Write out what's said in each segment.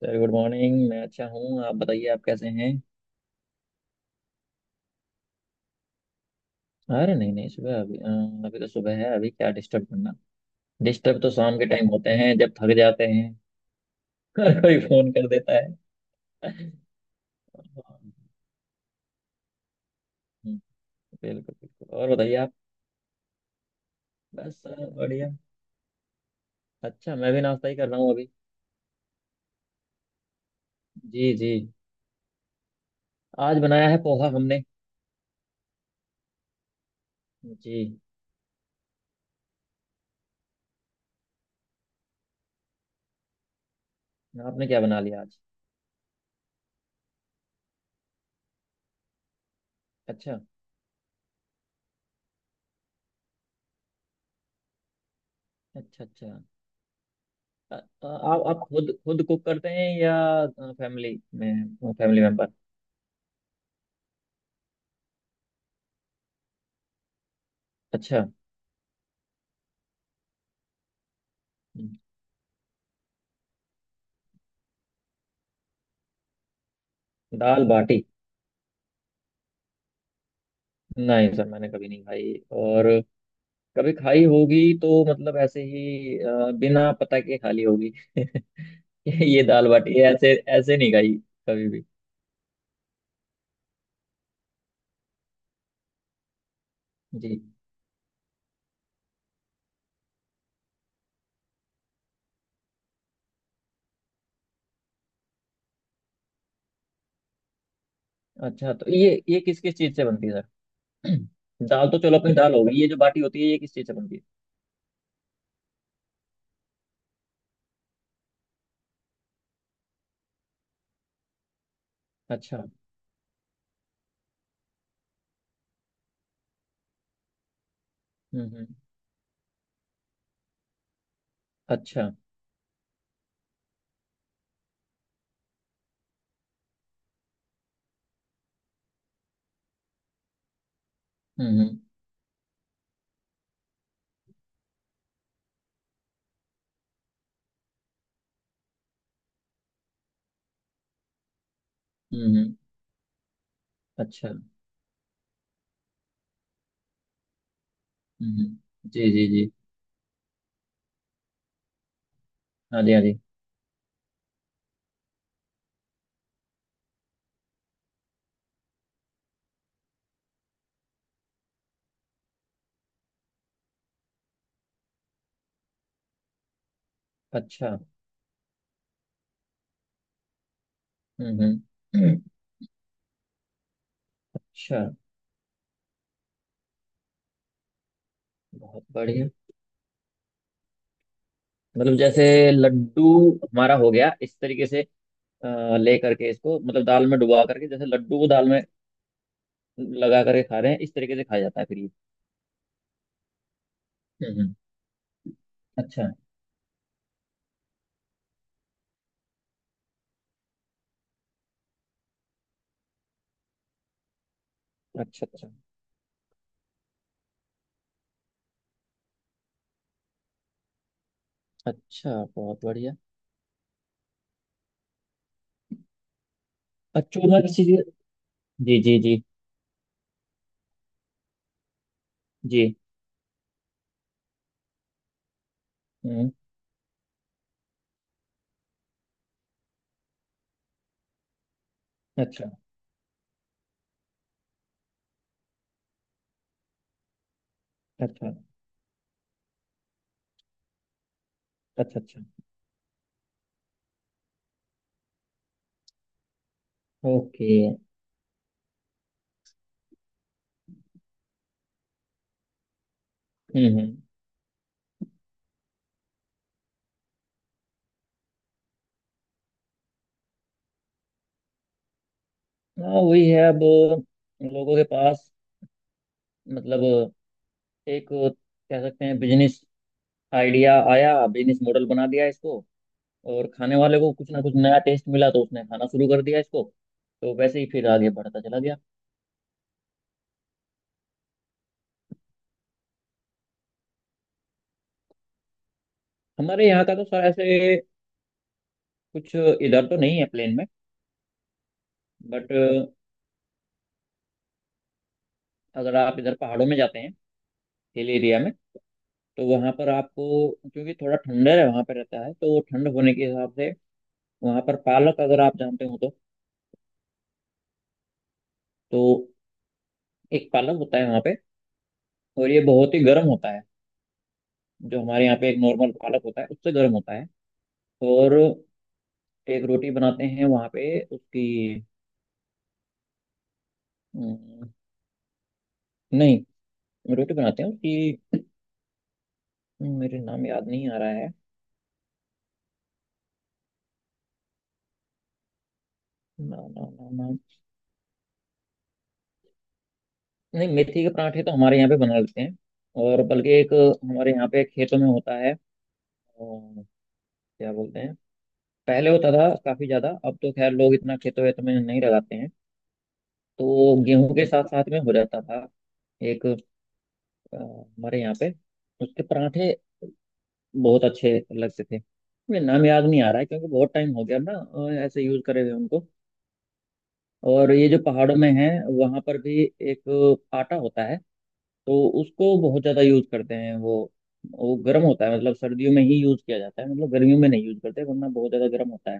Sir good morning. मैं अच्छा हूँ। आप बताइए, आप कैसे हैं? अरे नहीं नहीं, सुबह अभी अभी तो सुबह है। अभी क्या डिस्टर्ब करना। डिस्टर्ब तो शाम के टाइम होते हैं जब थक जाते हैं और कोई फोन कर देता है। हम्म, बिल्कुल बिल्कुल। और बताइए आप। बस सर बढ़िया। अच्छा मैं भी नाश्ता ही कर रहा हूँ अभी। जी जी। आज बनाया है पोहा हमने। जी। आपने क्या बना लिया आज? अच्छा अच्छा अच्छा। अ- आप खुद खुद कुक करते हैं या फैमिली में, फैमिली मेंबर? अच्छा। हम्म। दाल बाटी? नहीं सर, मैंने कभी नहीं खाई। और कभी खाई होगी तो मतलब ऐसे ही बिना पता के खाली होगी। ये दाल बाटी ये ऐसे ऐसे नहीं खाई कभी भी। जी। अच्छा तो ये किस किस चीज से बनती है सर? दाल तो चलो अपनी दाल होगी, ये जो बाटी होती है ये किस चीज से बनती है? अच्छा। हम्म। अच्छा हम्म। हम्म। अच्छा। हम्म, जी जी जी। हाँ जी, हाँ जी। अच्छा। हम्म। अच्छा, बहुत बढ़िया। मतलब जैसे लड्डू हमारा हो गया इस तरीके से। ले करके इसको, मतलब दाल में डुबा करके, जैसे लड्डू को दाल में लगा करके खा रहे हैं, इस तरीके से खाया जाता है फिर ये। हम्म। अच्छा अच्छा अच्छा। अच्छा बहुत बढ़िया। और चूरमा किसी चीज? जी जी जी। जी। हम्म। अच्छा अच्छा अच्छा। अच्छा ओके। हम्म। हाँ वही है अब लोगों के पास। मतलब एक, कह सकते हैं, बिजनेस आइडिया आया, बिजनेस मॉडल बना दिया इसको। और खाने वाले को कुछ ना कुछ नया टेस्ट मिला तो उसने खाना शुरू कर दिया इसको। तो वैसे ही फिर आगे बढ़ता चला गया। हमारे यहाँ का तो सर ऐसे कुछ इधर तो नहीं है प्लेन में। बट अगर आप इधर पहाड़ों में जाते हैं, हिल एरिया में, तो वहाँ पर आपको, क्योंकि थोड़ा ठंडर है वहाँ पर रहता है, तो वो ठंड होने के हिसाब से वहाँ पर पालक, अगर आप जानते हो तो। तो एक पालक होता है वहाँ पे, और ये बहुत ही गर्म होता है। जो हमारे यहाँ पे एक नॉर्मल पालक होता है उससे गर्म होता है। और एक रोटी बनाते हैं वहाँ पे उसकी। नहीं, रोटी बनाते हैं कि, मेरे नाम याद नहीं आ रहा है। ना ना ना ना, नहीं मेथी के पराठे तो हमारे यहाँ पे बना लेते हैं। और बल्कि एक हमारे यहाँ पे खेतों में होता है। अ, क्या बोलते हैं? पहले होता था काफी ज्यादा, अब तो खैर लोग इतना खेतों वेतों में नहीं लगाते हैं। तो गेहूं के साथ साथ में हो जाता था एक, हमारे यहाँ पे। उसके पराठे बहुत अच्छे लगते थे। मुझे नाम याद नहीं आ रहा है, क्योंकि बहुत टाइम हो गया ना ऐसे यूज करे हुए उनको। और ये जो पहाड़ों में है वहां पर भी एक आटा होता है, तो उसको बहुत ज्यादा यूज करते हैं वो। वो गर्म होता है, मतलब सर्दियों में ही यूज किया जाता है, मतलब गर्मियों में नहीं यूज करते वरना बहुत ज्यादा गर्म होता है।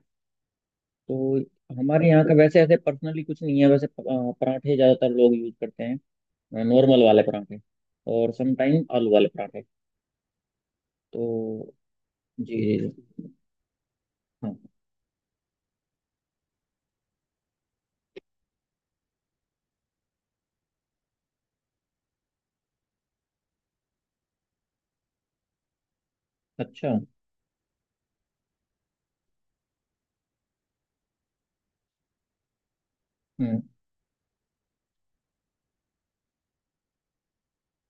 तो हमारे यहाँ का वैसे ऐसे पर्सनली कुछ नहीं है। पराठे ज्यादातर लोग यूज करते हैं, नॉर्मल वाले पराठे, और समटाइम आलू वाले पराठे। तो जी जी जी। हाँ। अच्छा। हम्म।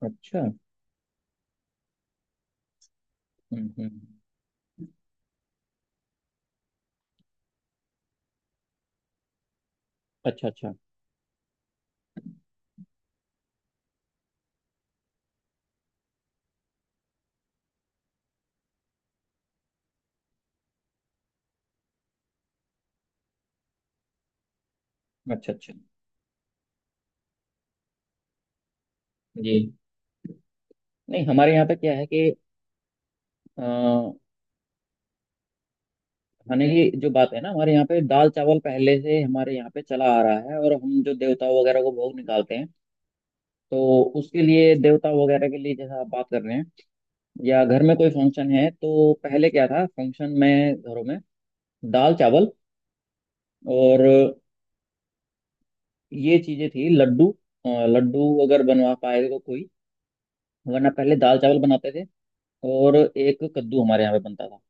अच्छा हम्म। अच्छा अच्छा अच्छा अच्छा। जी नहीं, हमारे यहाँ पे क्या है कि अ, खाने की जो बात है ना, हमारे यहाँ पे दाल चावल पहले से हमारे यहाँ पे चला आ रहा है। और हम जो देवता वगैरह को भोग निकालते हैं, तो उसके लिए, देवता वगैरह के लिए, जैसा आप बात कर रहे हैं, या घर में कोई फंक्शन है, तो पहले क्या था, फंक्शन में घरों में दाल चावल और ये चीजें थी। लड्डू, लड्डू अगर बनवा पाए तो कोई, वरना पहले दाल चावल बनाते थे। और एक कद्दू हमारे यहाँ पे बनता था।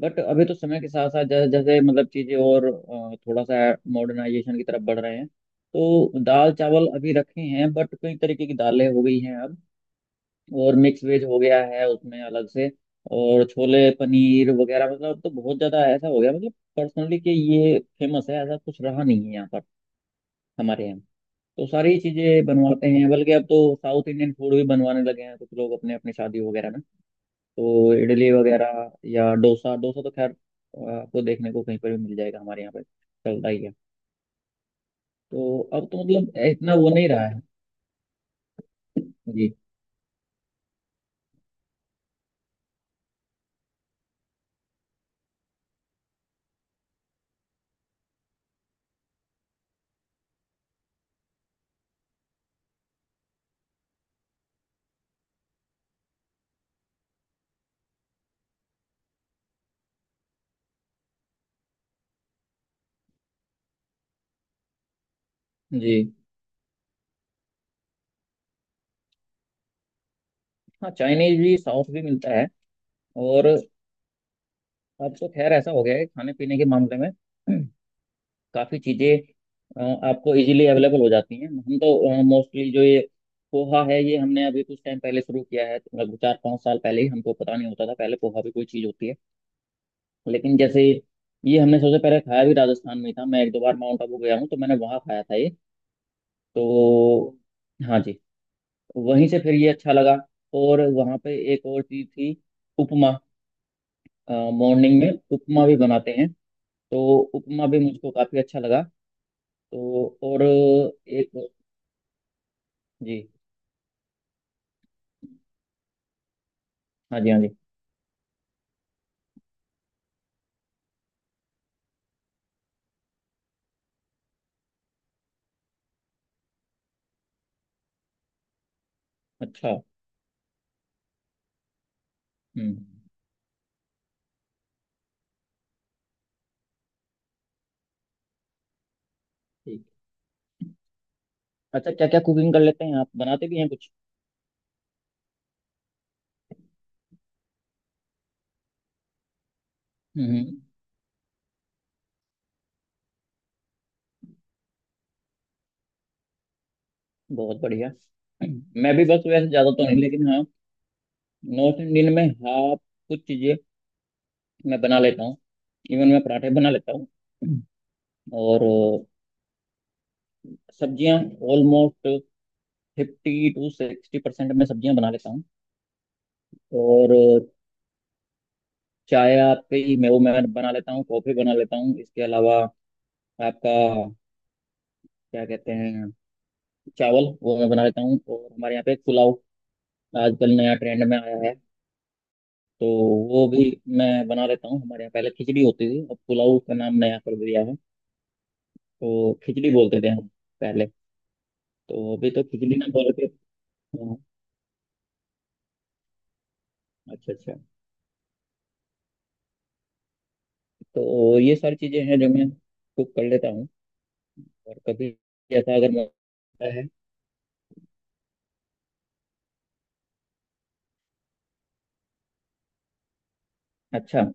बट अभी तो समय के साथ साथ जैसे जैसे मतलब चीजें और, थोड़ा सा मॉडर्नाइजेशन की तरफ बढ़ रहे हैं, तो दाल चावल अभी रखे हैं बट कई तरीके की दालें हो गई हैं अब। और मिक्स वेज हो गया है उसमें अलग से। और छोले पनीर वगैरह, मतलब तो बहुत ज्यादा ऐसा हो गया, मतलब पर्सनली कि ये फेमस है ऐसा कुछ रहा नहीं है यहाँ पर हमारे यहाँ। तो सारी चीजें बनवाते हैं, बल्कि अब तो साउथ इंडियन फूड भी बनवाने लगे हैं कुछ लोग अपने अपने शादी वगैरह में। तो इडली वगैरह या डोसा, डोसा तो खैर आपको देखने को कहीं पर भी मिल जाएगा, हमारे यहाँ पे चलता ही है। तो अब तो मतलब इतना वो नहीं रहा है। जी जी। हाँ, चाइनीज भी साउथ भी मिलता है। और अब तो खैर ऐसा हो गया है खाने पीने के मामले में। काफ़ी चीज़ें आपको इजीली अवेलेबल हो जाती हैं। हम तो मोस्टली, जो ये पोहा है, ये हमने अभी कुछ टाइम पहले शुरू किया है, लगभग 4-5 साल पहले ही। हमको पता नहीं होता था पहले पोहा भी कोई चीज़ होती है। लेकिन जैसे, ये हमने सबसे पहले खाया भी राजस्थान में ही था। मैं 1-2 बार माउंट आबू गया हूँ तो मैंने वहाँ खाया था ये। तो हाँ जी। वहीं से फिर ये अच्छा लगा। और वहाँ पे एक और चीज़ थी, उपमा। मॉर्निंग में उपमा भी बनाते हैं। तो उपमा भी मुझको काफ़ी अच्छा लगा। तो और एक। जी हाँ जी, हाँ जी। अच्छा। हम्म। ठीक। अच्छा, क्या क्या कुकिंग कर लेते हैं आप? बनाते भी हैं कुछ? हम्म। बहुत बढ़िया। मैं भी बस वैसे ज़्यादा तो नहीं, लेकिन हाँ नॉर्थ इंडियन में हाँ कुछ चीजें मैं बना लेता हूँ। इवन मैं पराठे बना लेता हूँ। और सब्जियाँ, ऑलमोस्ट 50 to 60% मैं सब्जियाँ बना लेता हूँ। और चाय आपकी, मैं वो मैं बना लेता हूँ, कॉफ़ी बना लेता हूँ, इसके अलावा आपका क्या कहते हैं, चावल, वो मैं बना लेता हूँ। और हमारे यहाँ पे पुलाव आजकल नया ट्रेंड में आया है, तो वो भी मैं बना लेता हूँ। हमारे यहाँ पहले खिचड़ी होती थी, अब पुलाव का नाम नया कर दिया है। तो खिचड़ी बोलते थे हम पहले। तो अभी तो खिचड़ी ना बोल के, हाँ। अच्छा अच्छा। तो ये सारी चीजें हैं जो मैं कुक कर लेता हूँ। और कभी ऐसा अगर मौका है। अच्छा।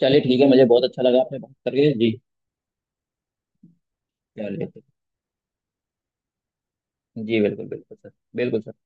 चलिए ठीक है, मुझे बहुत अच्छा लगा आपने बात करके जी। चलिए। जी बिल्कुल बिल्कुल सर, बिल्कुल सर।